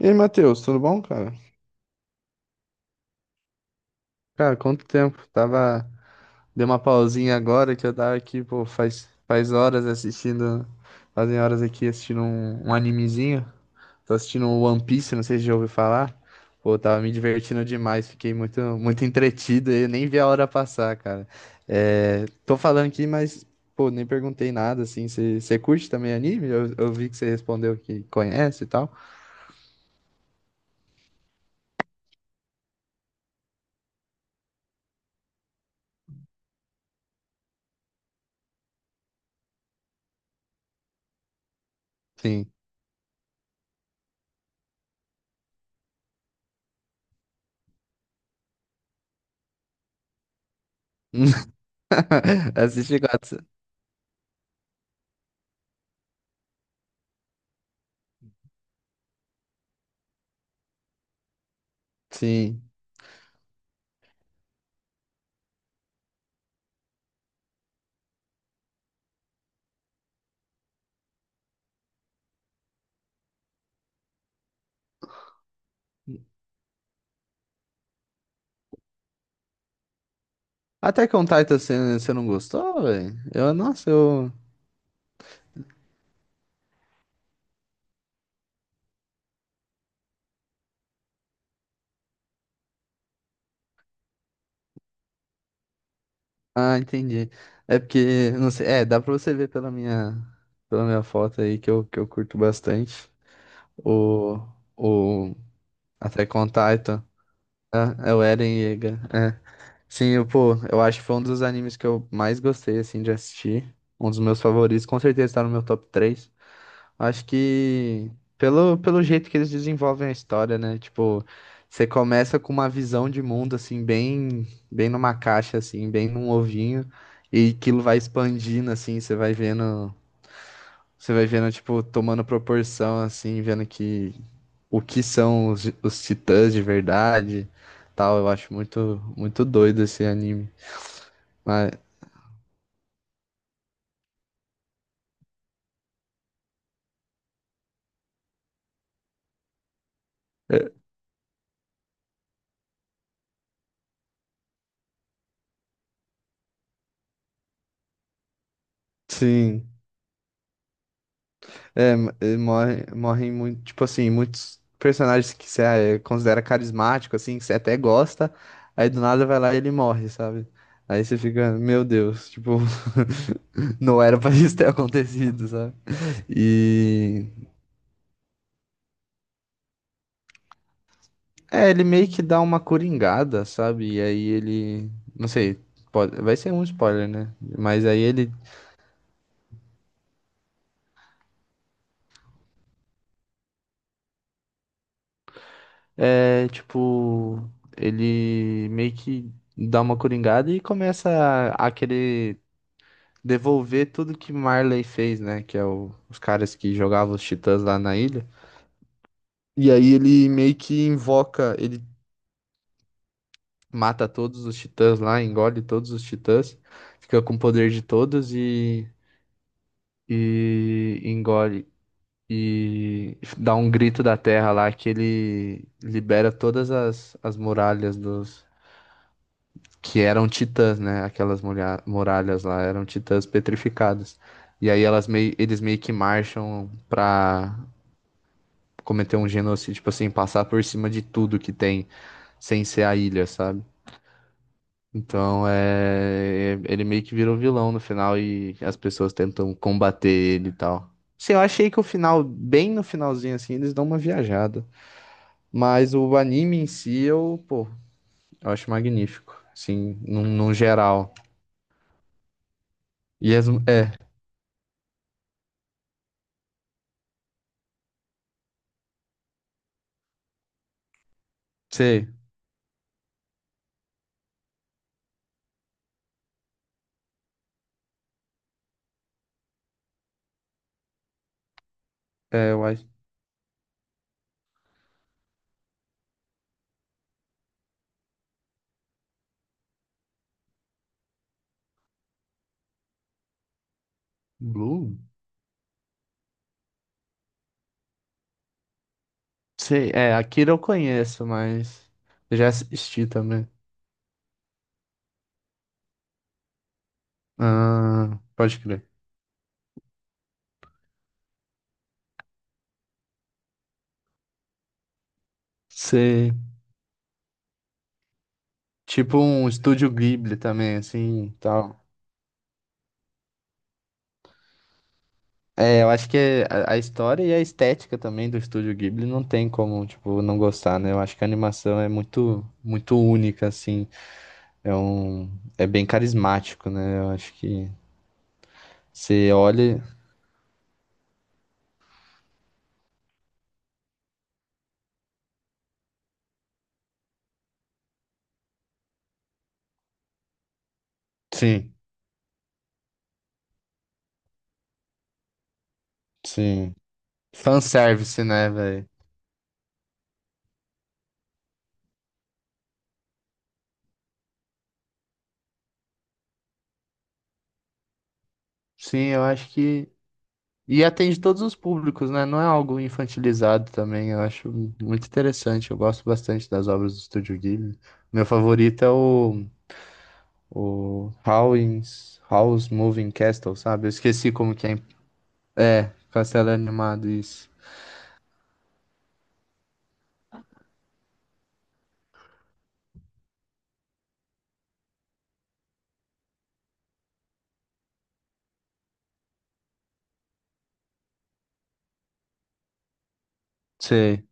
E aí, Matheus, tudo bom, cara? Cara, quanto tempo? Tava. Dei uma pausinha agora que eu tava aqui, pô, faz horas assistindo. Fazem horas aqui assistindo um animezinho. Tô assistindo o One Piece, não sei se já ouviu falar. Pô, tava me divertindo demais, fiquei muito, muito entretido e eu nem vi a hora passar, cara. É, tô falando aqui, mas, pô, nem perguntei nada, assim. Você curte também anime? Eu vi que você respondeu que conhece e tal. Sim. Assisti quatro. Sim. Attack on Titan você não gostou, velho? Eu, nossa, eu. Ah, entendi. É porque, não sei, é, dá pra você ver pela minha foto aí que eu curto bastante. O, o Attack on Titan. É, é o Eren Yeager. É. Sim, eu, pô, eu acho que foi um dos animes que eu mais gostei, assim, de assistir. Um dos meus favoritos, com certeza tá no meu top 3. Acho que pelo, pelo jeito que eles desenvolvem a história, né? Tipo, você começa com uma visão de mundo, assim, bem, bem numa caixa, assim, bem num ovinho, e aquilo vai expandindo, assim, você vai vendo, tipo, tomando proporção, assim, vendo que o que são os titãs de verdade, tal. Eu acho muito, muito doido esse anime. Mas, é, sim. É, morre, morrem muito, tipo assim, muitos personagens que você é, considera carismático, assim, que você até gosta, aí do nada vai lá e ele morre, sabe? Aí você fica, meu Deus, tipo, não era pra isso ter acontecido, sabe? E é, ele meio que dá uma coringada, sabe? E aí ele, não sei, pode, vai ser um spoiler, né? Mas aí ele é tipo, ele meio que dá uma coringada e começa a querer devolver tudo que Marley fez, né? Que é os caras que jogavam os titãs lá na ilha. E aí ele meio que invoca, ele mata todos os titãs lá, engole todos os titãs, fica com o poder de todos e engole. E dá um grito da terra lá que ele libera todas as, as muralhas dos. Que eram titãs, né? Aquelas muralhas lá eram titãs petrificadas. E aí elas meio, eles meio que marcham pra cometer um genocídio, tipo assim, passar por cima de tudo que tem, sem ser a ilha, sabe? Então, ele meio que vira um vilão no final e as pessoas tentam combater ele e tal. Sim, eu achei que o final, bem no finalzinho assim, eles dão uma viajada. Mas o anime em si, eu, pô, eu acho magnífico. Assim, num, num geral. E as, é, sei, é, eu acho. Blue? Sei, é, Akira eu conheço, mas eu já assisti também. Ah, pode crer. Sei. Tipo um estúdio Ghibli também, assim, e tal. É, eu acho que é a história e a estética também do estúdio Ghibli não tem como, tipo, não gostar, né? Eu acho que a animação é muito, muito única, assim. É um, é bem carismático, né? Eu acho que você olha. Sim, sim. Fanservice, né, velho? Sim, eu acho que. E atende todos os públicos, né? Não é algo infantilizado também. Eu acho muito interessante. Eu gosto bastante das obras do Estúdio Ghibli. Meu favorito é o Howl's Moving Castle, sabe? Eu esqueci como que é. É, Castelo Animado, isso. Sei.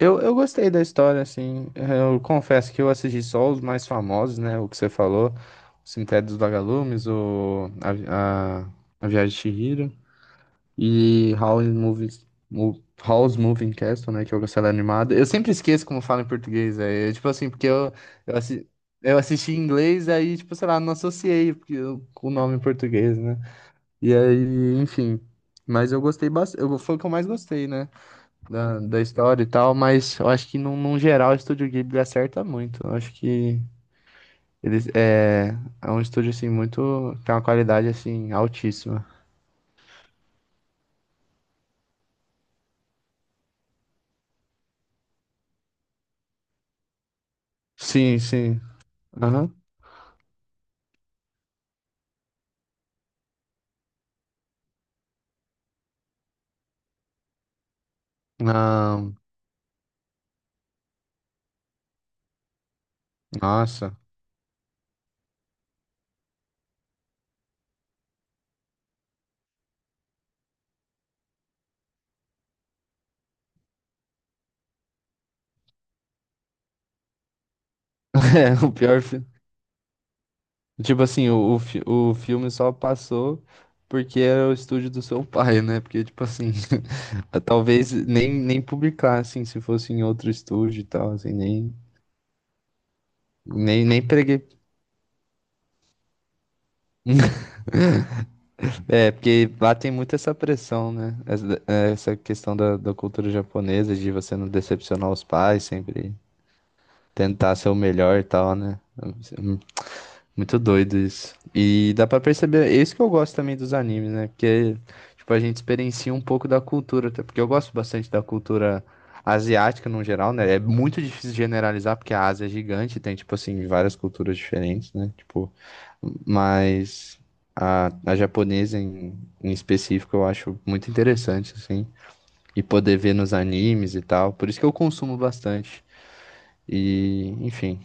Eu gostei da história, assim. Eu confesso que eu assisti só os mais famosos, né? O que você falou. O Cemitério dos Vagalumes, o... A, a, a Viagem de Chihiro. E Howl's Moving Castle, né, que é o castelo animado. Eu sempre esqueço como fala em português, é, é tipo assim, porque eu, assi- eu assisti em inglês, aí, tipo, sei lá, não associei com o nome em português, né? E aí, enfim, mas eu gostei bastante, eu, foi o que eu mais gostei, né, da, da história e tal, mas eu acho que, num, num geral, o Estúdio Ghibli acerta muito, eu acho que... Eles, é, é um estúdio, assim, muito... Tem uma qualidade, assim, altíssima. Sim, sim. Aham. Ah, nossa. É, o pior filme. Tipo assim, o filme só passou porque era o estúdio do seu pai, né? Porque, tipo assim, talvez nem, nem publicar, assim, se fosse em outro estúdio e tal, assim, nem preguei. É, porque lá tem muito essa pressão, né? Essa questão da, da cultura japonesa, de você não decepcionar os pais, sempre tentar ser o melhor e tal, né? Muito doido isso. E dá pra perceber, é isso que eu gosto também dos animes, né? Porque, tipo, a gente experiencia um pouco da cultura, até porque eu gosto bastante da cultura asiática no geral, né? É muito difícil generalizar, porque a Ásia é gigante, tem, tipo assim, várias culturas diferentes, né? Tipo, mas a japonesa em, em específico eu acho muito interessante, assim, e poder ver nos animes e tal. Por isso que eu consumo bastante. E, enfim.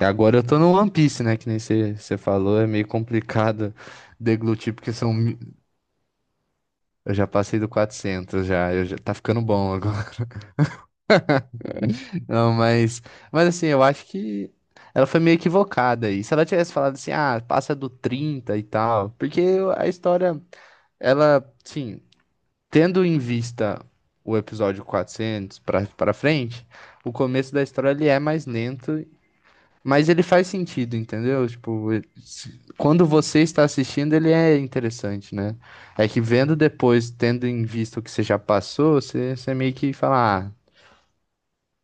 E agora eu tô no One Piece, né? Que nem você falou, é meio complicado deglutir, porque são. Eu já passei do 400 já, eu já tá ficando bom agora. Não, mas. Mas assim, eu acho que ela foi meio equivocada aí. Se ela tivesse falado assim, ah, passa do 30 e tal. Porque a história, ela, sim, tendo em vista o episódio 400 pra, pra frente, o começo da história ele é mais lento. Mas ele faz sentido, entendeu? Tipo, quando você está assistindo, ele é interessante, né? É que vendo depois, tendo em vista o que você já passou, você, você meio que fala, ah,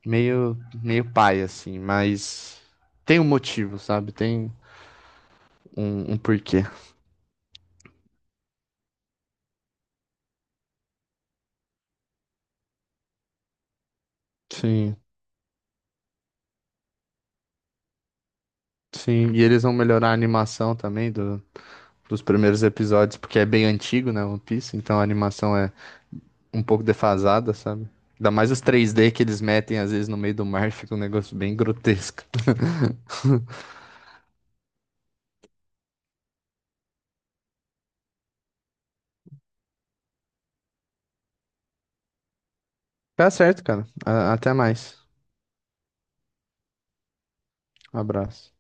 meio, meio pai, assim, mas tem um motivo, sabe? Tem um, um porquê. Sim, sim. E eles vão melhorar a animação também do, dos primeiros episódios, porque é bem antigo, né? One Piece, então a animação é um pouco defasada, sabe? Ainda mais os 3D que eles metem às vezes no meio do mar, fica um negócio bem grotesco. Tá certo, cara. A- Até mais. Um abraço.